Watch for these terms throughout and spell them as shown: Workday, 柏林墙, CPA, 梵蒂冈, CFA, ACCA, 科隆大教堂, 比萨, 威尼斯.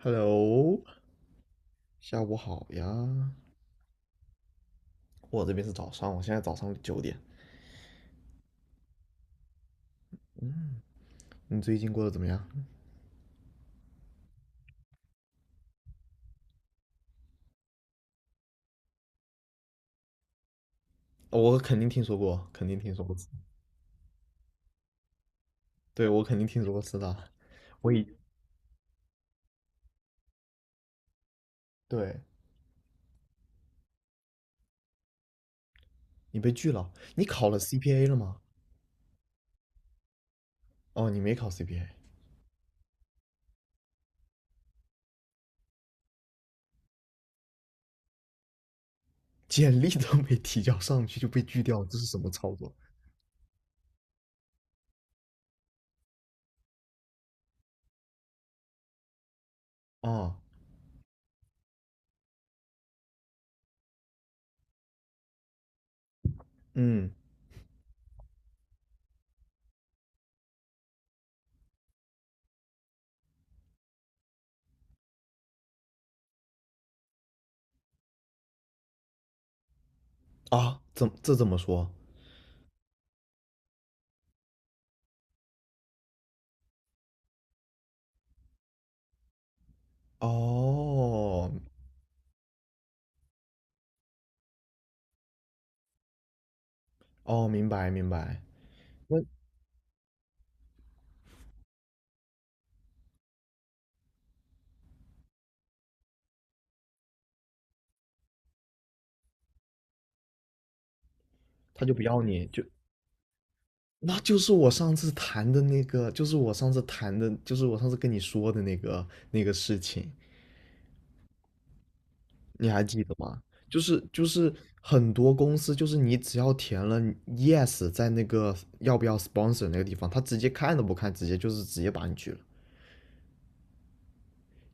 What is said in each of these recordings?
Hello，下午好呀。我这边是早上，我现在早上九点。嗯，你最近过得怎么样？我肯定听说过，肯定听说过。对，我肯定听说过是的。我已，对，你被拒了。你考了 CPA 了吗？哦，你没考 CPA，简历都没提交上去就被拒掉了，这是什么操作？啊，嗯，啊，怎么说？哦，哦，明白明白。那他就不要你，那就是我上次谈的那个，就是我上次谈的，就是我上次跟你说的那个那个事情，你还记得吗？就是就是很多公司，就是你只要填了 yes，在那个要不要 sponsor 那个地方，他直接看都不看，直接就是直接把你拒了，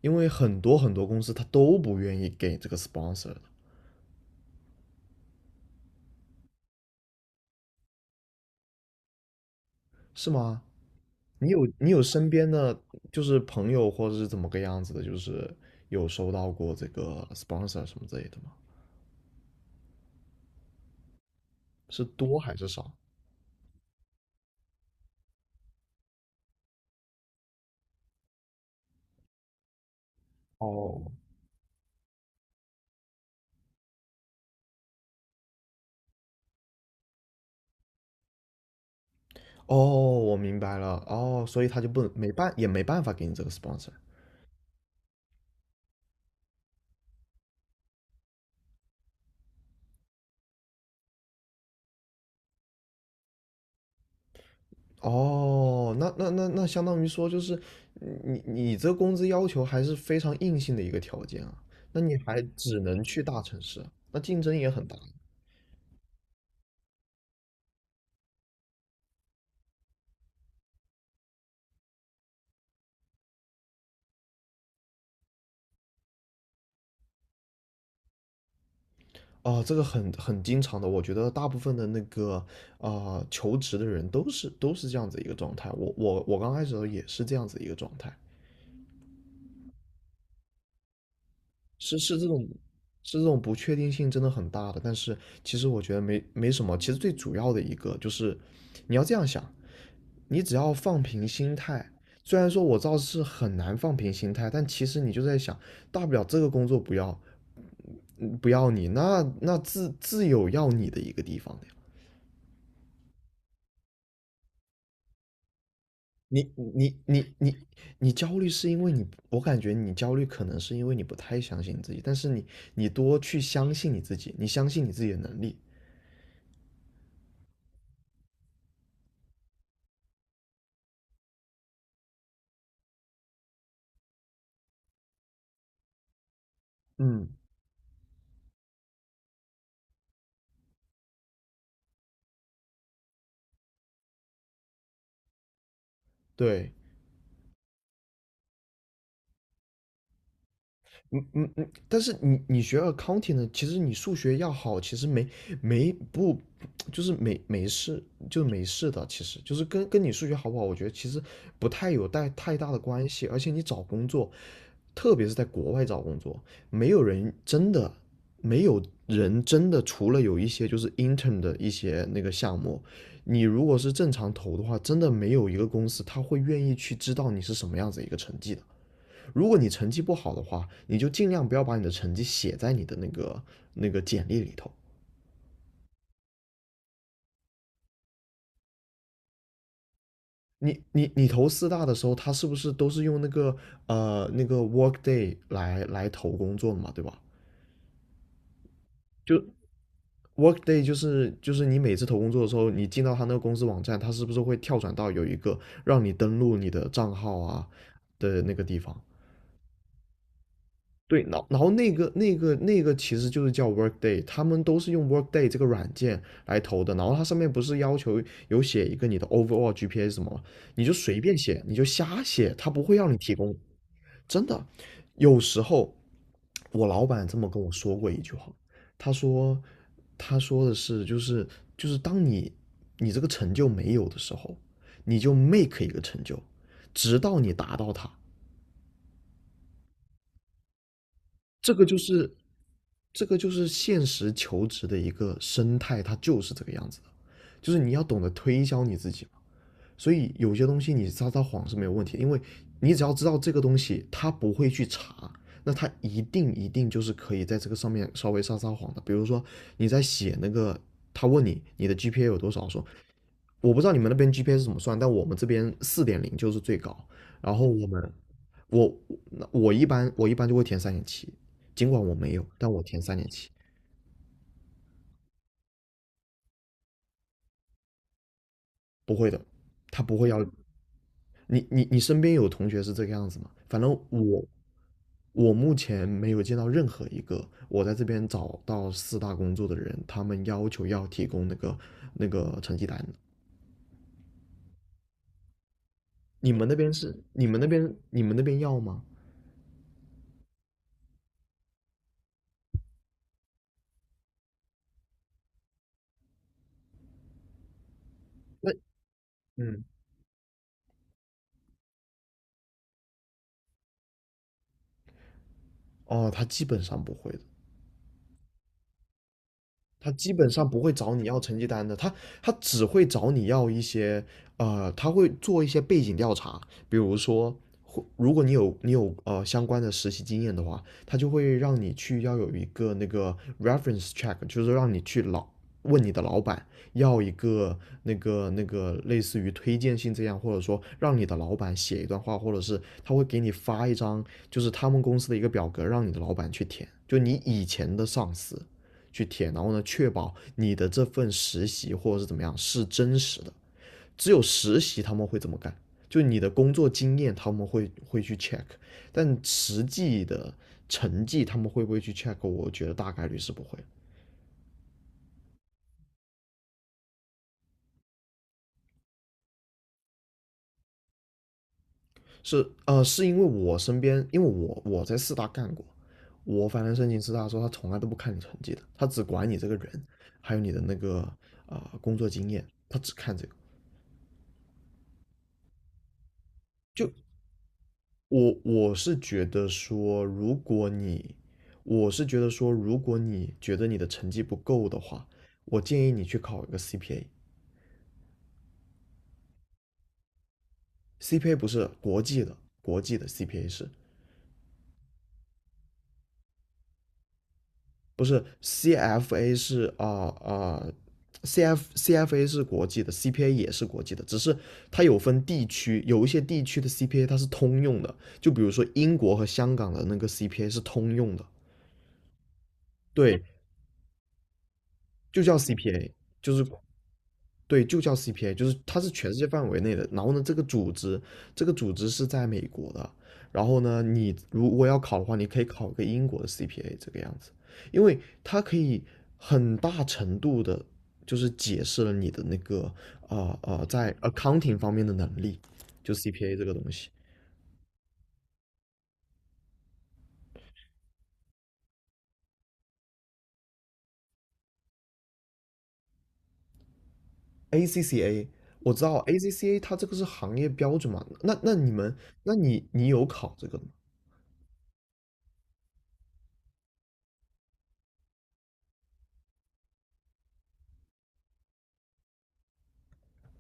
因为很多很多公司他都不愿意给这个 sponsor 的，是吗？你有身边的就是朋友或者是怎么个样子的，就是有收到过这个 sponsor 什么之类的吗？是多还是少？哦哦，我明白了哦，所以他就不能没办也没办法给你这个 sponsor。 哦，那相当于说就是你这个工资要求还是非常硬性的一个条件啊，那你还只能去大城市，那竞争也很大。哦，这个很经常的，我觉得大部分的那个啊、求职的人都是都是这样子一个状态，我刚开始的时候也是这样子一个状态，是是这种，是这种不确定性真的很大的。但是其实我觉得没什么，其实最主要的一个就是，你要这样想，你只要放平心态。虽然说我知道是很难放平心态，但其实你就在想，大不了这个工作不要，嗯不要你，那那自有要你的一个地方的呀。你你焦虑是因为你，我感觉你焦虑可能是因为你不太相信你自己，但是你你多去相信你自己，你相信你自己的能力。嗯，对，嗯嗯嗯，但是你你学 accounting 呢，其实你数学要好，其实没没不没没事，就没事的，其实就是跟你数学好不好，我觉得其实不太有带太大的关系，而且你找工作，特别是在国外找工作，没有人真的没有人真的，除了有一些就是 intern 的一些那个项目，你如果是正常投的话，真的没有一个公司他会愿意去知道你是什么样子一个成绩的。如果你成绩不好的话，你就尽量不要把你的成绩写在你的那个那个简历里头。你投四大的时候，他是不是都是用那个那个 Workday 来投工作的嘛，对吧？就 Workday 就是你每次投工作的时候，你进到他那个公司网站，他是不是会跳转到有一个让你登录你的账号啊的那个地方？对，然后那个其实就是叫 Workday，他们都是用 Workday 这个软件来投的。然后它上面不是要求有写一个你的 overall GPA 什么吗？你就随便写，你就瞎写，他不会让你提供。真的，有时候我老板这么跟我说过一句话，他说他说的是当你你这个成就没有的时候，你就 make 一个成就，直到你达到它。这个就是这个就是现实求职的一个生态，它就是这个样子的，就是你要懂得推销你自己。所以有些东西你撒撒谎是没有问题因为你只要知道这个东西他不会去查，那他一定一定就是可以在这个上面稍微撒撒谎的。比如说你在写那个，他问你你的 GPA 有多少，说我不知道你们那边 GPA 是怎么算，但我们这边四点零就是最高，然后我们我那我一般就会填三点七，尽管我没有，但我填三点七，不会的，他不会要你你你身边有同学是这个样子吗？反正我目前没有见到任何一个我在这边找到四大工作的人，他们要求要提供那个那个成绩单。你们那边是？你们那边要吗？那嗯，哦，他基本上不会的。他基本上不会找你要成绩单的，他他只会找你要一些，他会做一些背景调查，比如说，如果你有相关的实习经验的话，他就会让你去要有一个那个 reference check，就是让你去问你的老板要一个那个类似于推荐信这样，或者说让你的老板写一段话，或者是他会给你发一张就是他们公司的一个表格，让你的老板去填，就你以前的上司。去填，然后呢，确保你的这份实习或者是怎么样是真实的。只有实习他们会这么干，就你的工作经验他们会去 check，但实际的成绩他们会不会去 check？我觉得大概率是不会。是因为我身边，因为我在四大干过，我反正申请四大的时候，他从来都不看你成绩的，他只管你这个人，还有你的那个工作经验，他只看这个。就我是觉得说，如果你，我是觉得说，如果你觉得你的成绩不够的话，我建议你去考一个 CPA。CPA 不是国际的，国际的 CPA 是，不是 CFA 是啊啊、CFA 是国际的，CPA 也是国际的，只是它有分地区，有一些地区的 CPA 它是通用的，就比如说英国和香港的那个 CPA 是通用的，对，就叫 CPA，就是。对，就叫 CPA，就是它是全世界范围内的。然后呢，这个组织，这个组织是在美国的。然后呢，你如果要考的话，你可以考个英国的 CPA 这个样子，因为它可以很大程度的，就是解释了你的那个在 accounting 方面的能力，就 CPA 这个东西。ACCA 我知道 ACCA 它这个是行业标准嘛，那那你们，那你你有考这个的吗？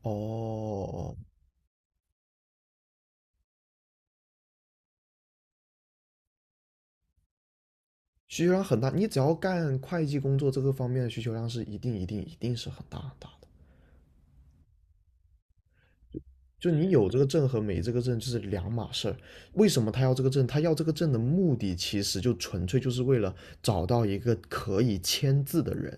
哦，需求量很大，你只要干会计工作这个方面的需求量是一定一定一定是很大很大的。就你有这个证和没这个证就是两码事儿。为什么他要这个证？他要这个证的目的其实就纯粹就是为了找到一个可以签字的人。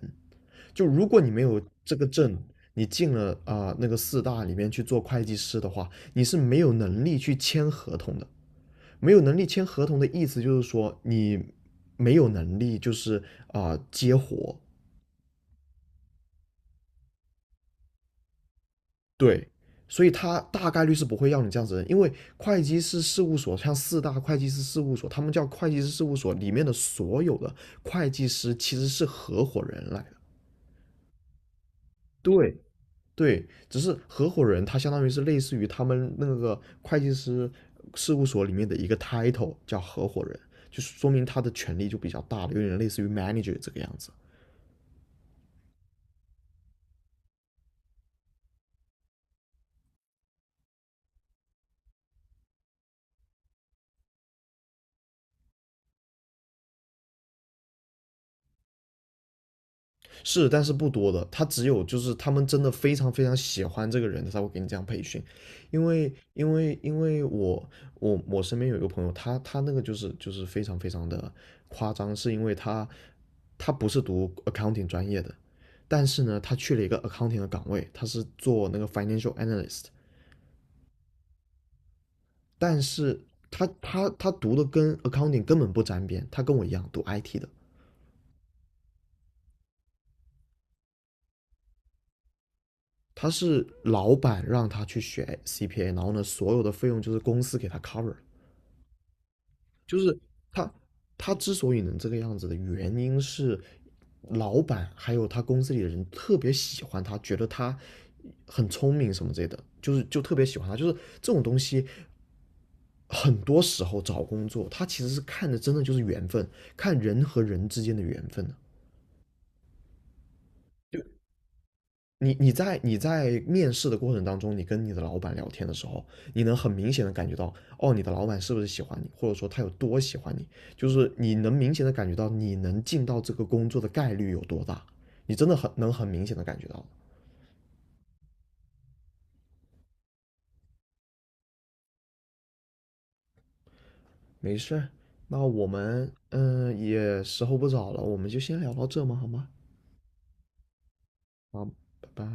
就如果你没有这个证，你进了那个四大里面去做会计师的话，你是没有能力去签合同的。没有能力签合同的意思就是说你没有能力就是接活，对，所以他大概率是不会要你这样子的人，因为会计师事务所像四大会计师事务所，他们叫会计师事务所里面的所有的会计师其实是合伙人来的。对，对，只是合伙人他相当于是类似于他们那个会计师事务所里面的一个 title 叫合伙人，就说明他的权力就比较大了，有点类似于 manager 这个样子。是，但是不多的，他只有就是他们真的非常非常喜欢这个人，他才会给你这样培训，因为我身边有一个朋友，他那个就是非常非常的夸张，是因为他他不是读 accounting 专业的，但是呢，他去了一个 accounting 的岗位，他是做那个 financial analyst，但是他读的跟 accounting 根本不沾边，他跟我一样读 IT 的，他是老板让他去学 CPA，然后呢，所有的费用就是公司给他 cover。就是他他之所以能这个样子的原因是，老板还有他公司里的人特别喜欢他，觉得他很聪明什么之类的，就是就特别喜欢他。就是这种东西，很多时候找工作，他其实是看的真的就是缘分，看人和人之间的缘分的。你你在面试的过程当中，你跟你的老板聊天的时候，你能很明显的感觉到，哦，你的老板是不是喜欢你，或者说他有多喜欢你，就是你能明显的感觉到你能进到这个工作的概率有多大，你真的很能很明显的感觉到。没事儿，那我们也时候不早了，我们就先聊到这嘛，好吗？好，拜拜。